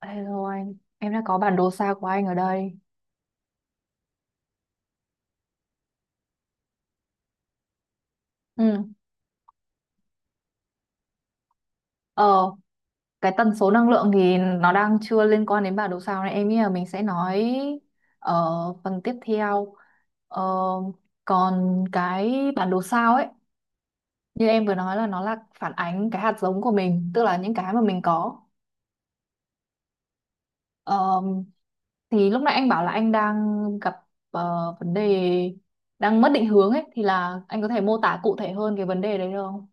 Hello anh, em đã có bản đồ xa của anh ở đây. Ừ. Ờ, cái tần số năng lượng thì nó đang chưa liên quan đến bản đồ sao này, em nghĩ là mình sẽ nói ở phần tiếp theo. Ờ, còn cái bản đồ sao ấy, như em vừa nói, là nó là phản ánh cái hạt giống của mình, tức là những cái mà mình có. Ờ, thì lúc nãy anh bảo là anh đang gặp vấn đề đang mất định hướng ấy, thì là anh có thể mô tả cụ thể hơn cái vấn đề đấy được không?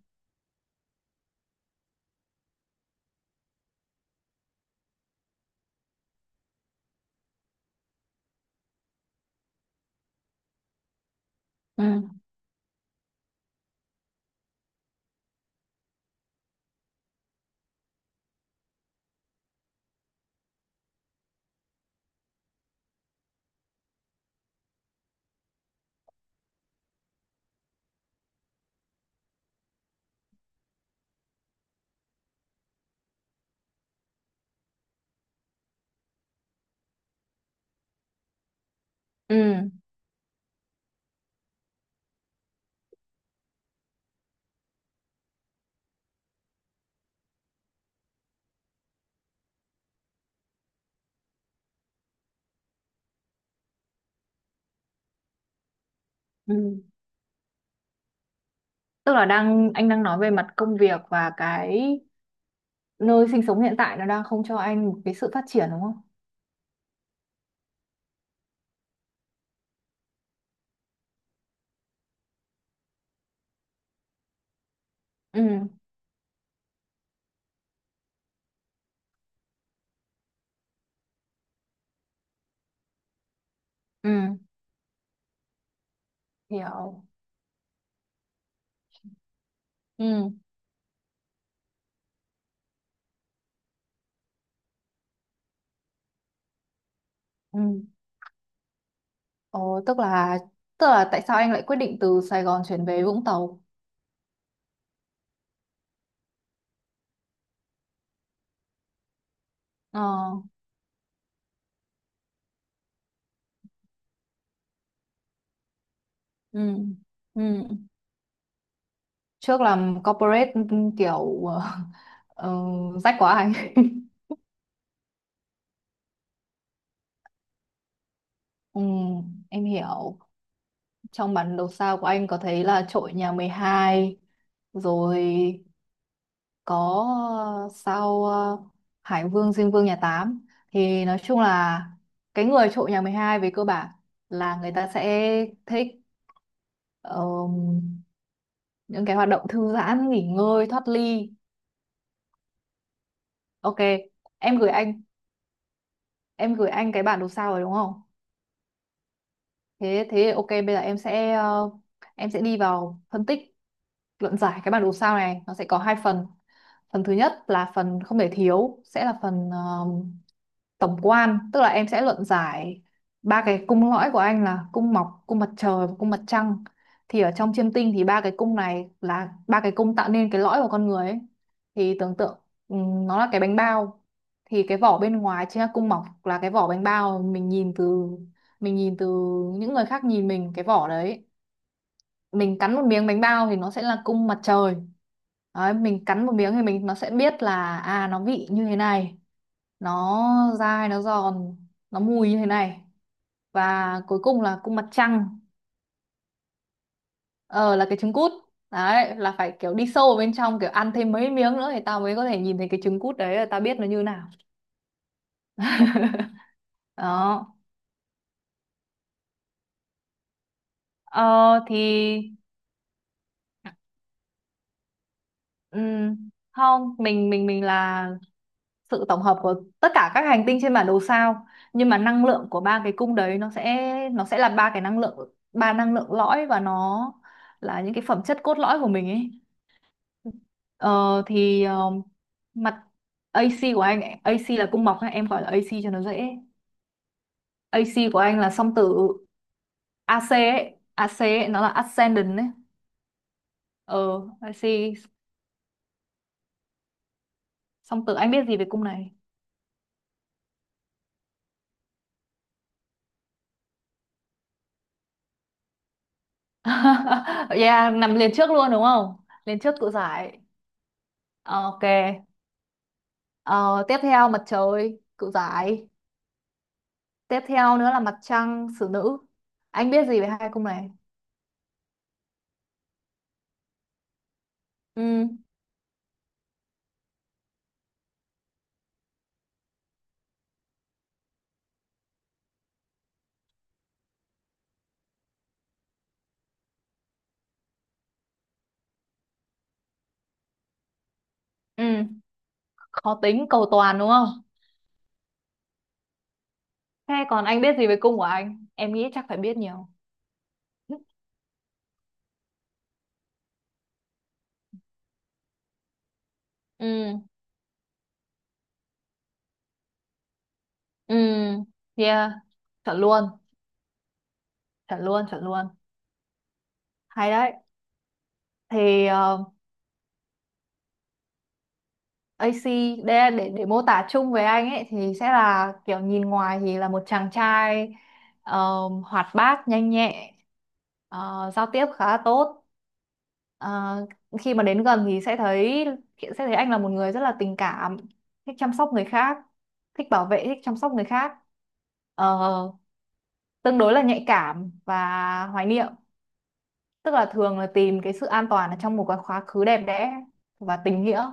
Ừ. Ừ. Ừ. Tức là anh đang nói về mặt công việc và cái nơi sinh sống hiện tại nó đang không cho anh một cái sự phát triển đúng không? Ừ, ừ, hiểu. Ừ, ừ. Ồ, tức là tại sao anh lại quyết định từ Sài Gòn chuyển về Vũng Tàu? Ờ, ừ, ừ. Trước làm corporate, ừ, kiểu ờ, rách quá anh. Ừ, em hiểu. Trong bản đồ sao của anh có thấy là trội nhà mười hai, rồi có ờ, sau ờ, Hải Vương Diêm Vương nhà Tám, thì nói chung là cái người trụ nhà 12 về cơ bản là người ta sẽ thích ờ, những cái hoạt động thư giãn nghỉ ngơi thoát ly. Ok, em gửi anh em gửi anh cái bản đồ sao rồi đúng không? Thế thế ok, bây giờ em sẽ em sẽ đi vào phân tích luận giải cái bản đồ sao này. Nó sẽ có hai phần. Phần thứ nhất là phần không thể thiếu, sẽ là phần tổng quan, tức là em sẽ luận giải ba cái cung lõi của anh, là cung mọc, cung mặt trời và cung mặt trăng. Thì ở trong chiêm tinh thì ba cái cung này là ba cái cung tạo nên cái lõi của con người ấy. Thì tưởng tượng nó là cái bánh bao, thì cái vỏ bên ngoài chính là cung mọc, là cái vỏ bánh bao mình nhìn từ, mình nhìn từ những người khác nhìn mình cái vỏ đấy. Mình cắn một miếng bánh bao thì nó sẽ là cung mặt trời. Đấy, mình cắn một miếng thì mình nó sẽ biết là à, nó vị như thế này, nó dai nó giòn, nó mùi như thế này. Và cuối cùng là cung mặt trăng. Ờ là cái trứng cút. Đấy là phải kiểu đi sâu vào bên trong, kiểu ăn thêm mấy miếng nữa thì tao mới có thể nhìn thấy cái trứng cút đấy, là tao biết nó như nào. Đó. Ờ thì không, mình là sự tổng hợp của tất cả các hành tinh trên bản đồ sao, nhưng mà năng lượng của ba cái cung đấy nó sẽ là ba cái năng lượng, ba năng lượng lõi, và nó là những cái phẩm chất cốt lõi của mình ấy. Ờ, thì ờ, mặt AC của anh, AC là cung bọc ha, em gọi là AC cho nó dễ. AC của anh là song tử. AC ấy, nó là ascendant ấy. Ờ, AC song tử, anh biết gì về cung này? Yeah, nằm liền trước luôn đúng không, liền trước cự giải. Ờ, ok, ờ, tiếp theo mặt trời cự giải, tiếp theo nữa là mặt trăng xử nữ. Anh biết gì về hai cung này? Ừ. Ừ, khó tính cầu toàn đúng không? Thế còn anh biết gì về cung của anh? Em nghĩ chắc phải biết nhiều. Ừ, ừ, yeah, chuẩn luôn, chuẩn luôn, chuẩn luôn. Hay đấy. Thì ờ, AC để, để mô tả chung về anh ấy thì sẽ là kiểu nhìn ngoài thì là một chàng trai ờ, hoạt bát, nhanh nhẹ, giao tiếp khá là tốt. Ờ, Khi mà đến gần thì sẽ thấy, anh là một người rất là tình cảm, thích chăm sóc người khác, thích bảo vệ, thích chăm sóc người khác. Ờ, tương đối là nhạy cảm và hoài niệm, tức là thường là tìm cái sự an toàn ở trong một cái quá khứ đẹp đẽ và tình nghĩa.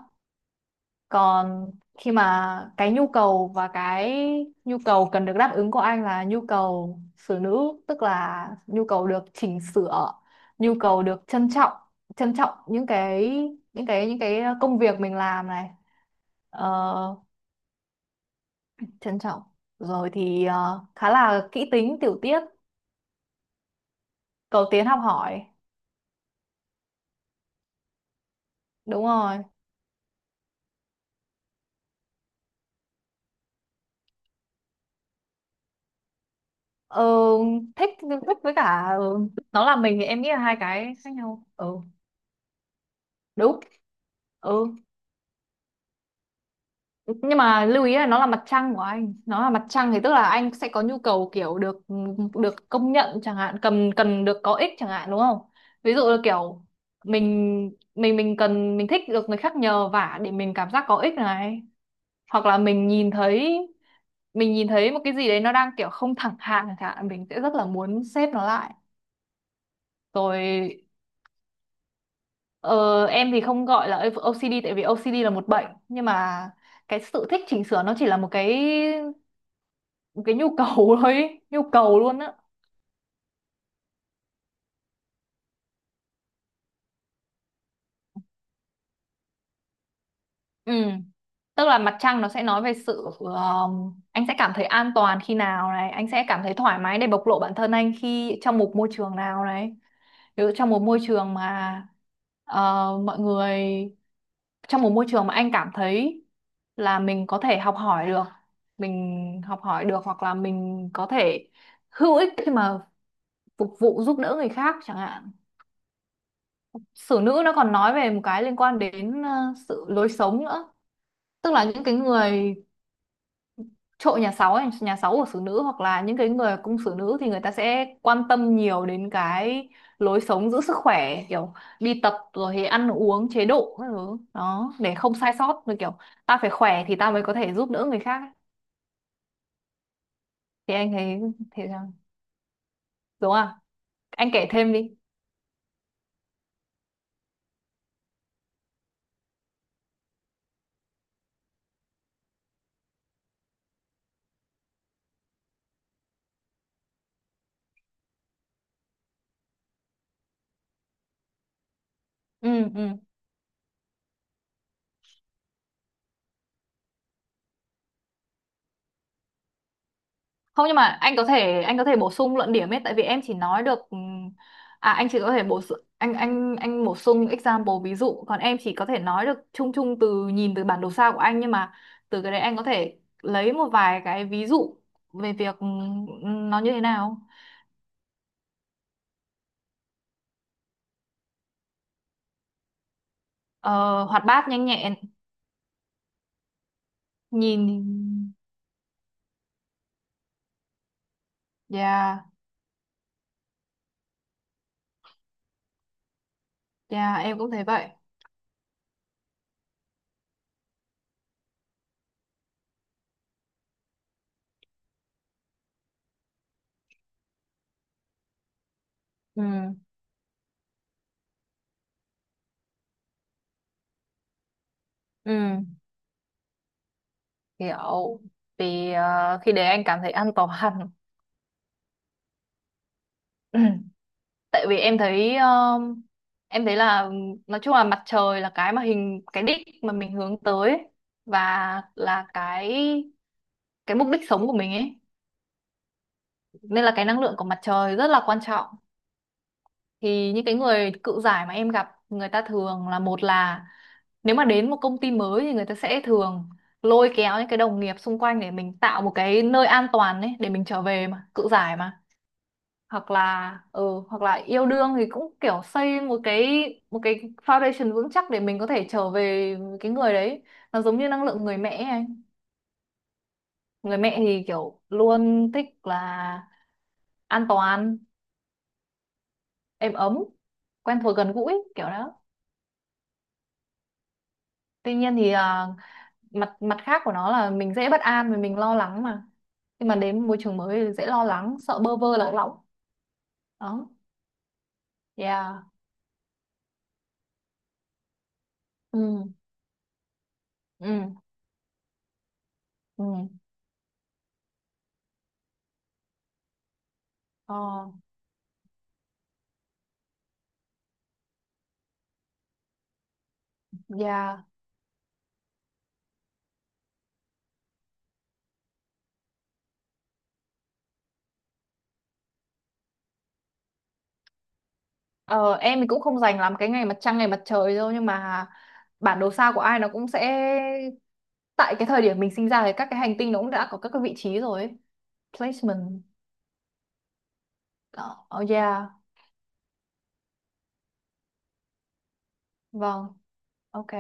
Còn khi mà cái nhu cầu, và cái nhu cầu cần được đáp ứng của anh là nhu cầu xử nữ, tức là nhu cầu được chỉnh sửa, nhu cầu được trân trọng, trân trọng những cái, những cái công việc mình làm này. Ờ, trân trọng, rồi thì khá là kỹ tính tiểu tiết, cầu tiến học hỏi. Đúng rồi. Ờ, thích, thích với cả, nó là mình, thì em nghĩ là hai cái khác nhau. Ừ, đúng. Ừ, nhưng mà lưu ý là nó là mặt trăng của anh, nó là mặt trăng, thì tức là anh sẽ có nhu cầu kiểu được được công nhận chẳng hạn, cần cần được có ích chẳng hạn đúng không? Ví dụ là kiểu mình, mình cần, mình thích được người khác nhờ vả để mình cảm giác có ích này, hoặc là mình nhìn thấy, một cái gì đấy nó đang kiểu không thẳng hàng chẳng hạn, mình sẽ rất là muốn xếp nó lại. Rồi. Ờ, em thì không gọi là OCD tại vì OCD là một bệnh, nhưng mà cái sự thích chỉnh sửa nó chỉ là một cái, một cái nhu cầu thôi ý, nhu cầu luôn á. Ừ. Tức là mặt trăng nó sẽ nói về sự anh sẽ cảm thấy an toàn khi nào này, anh sẽ cảm thấy thoải mái để bộc lộ bản thân anh khi trong một môi trường nào này. Ví dụ trong một môi trường mà ờ, mọi người trong một môi trường mà anh cảm thấy là mình có thể học hỏi được, hoặc là mình có thể hữu ích khi mà phục vụ giúp đỡ người khác chẳng hạn. Sử nữ nó còn nói về một cái liên quan đến sự lối sống nữa. Tức là những cái người trội nhà sáu ấy, nhà sáu của xử nữ, hoặc là những cái người cung xử nữ, thì người ta sẽ quan tâm nhiều đến cái lối sống giữ sức khỏe, kiểu đi tập rồi thì ăn uống chế độ các thứ đó để không sai sót, rồi kiểu ta phải khỏe thì ta mới có thể giúp đỡ người khác ấy. Thì anh thấy thế sao, đúng không, anh kể thêm đi. Ừ. Ừ. Không, nhưng mà anh có thể, bổ sung luận điểm ấy, tại vì em chỉ nói được, à anh chỉ có thể bổ su- anh bổ sung example ví dụ, còn em chỉ có thể nói được chung chung từ nhìn từ bản đồ sao của anh, nhưng mà từ cái đấy anh có thể lấy một vài cái ví dụ về việc, nó như thế nào. Ờ, hoạt bát nhanh nhẹn. Nhìn, yeah, yeah, em cũng thấy vậy. Ừ, ừ, hiểu. Khi đấy anh cảm thấy an toàn. Tại vì em thấy, em thấy là nói chung là mặt trời là cái mà hình cái đích mà mình hướng tới ấy, và là cái mục đích sống của mình ấy, nên là cái năng lượng của mặt trời rất là quan trọng. Thì những cái người cự giải mà em gặp, người ta thường là, một là nếu mà đến một công ty mới thì người ta sẽ thường lôi kéo những cái đồng nghiệp xung quanh để mình tạo một cái nơi an toàn ấy để mình trở về, mà cự giải mà. Hoặc là, ừ, hoặc là yêu đương thì cũng kiểu xây một cái, một cái foundation vững chắc để mình có thể trở về với cái người đấy. Nó giống như năng lượng người mẹ ấy anh, người mẹ thì kiểu luôn thích là an toàn, êm ấm, quen thuộc gần gũi kiểu đó. Tuy nhiên thì à, mặt mặt khác của nó là mình dễ bất an và mình lo lắng mà, khi mà đến môi trường mới thì dễ lo lắng sợ bơ vơ lạc lõng. Đó. Yeah. Ừ, ừ, ừ, ờ, yeah. Ờ, em thì cũng không dành lắm cái ngày mặt trăng ngày mặt trời đâu, nhưng mà bản đồ sao của ai nó cũng sẽ, tại cái thời điểm mình sinh ra thì các cái hành tinh nó cũng đã có các cái vị trí rồi ấy. Placement. Đó. Oh yeah. Vâng. Ok.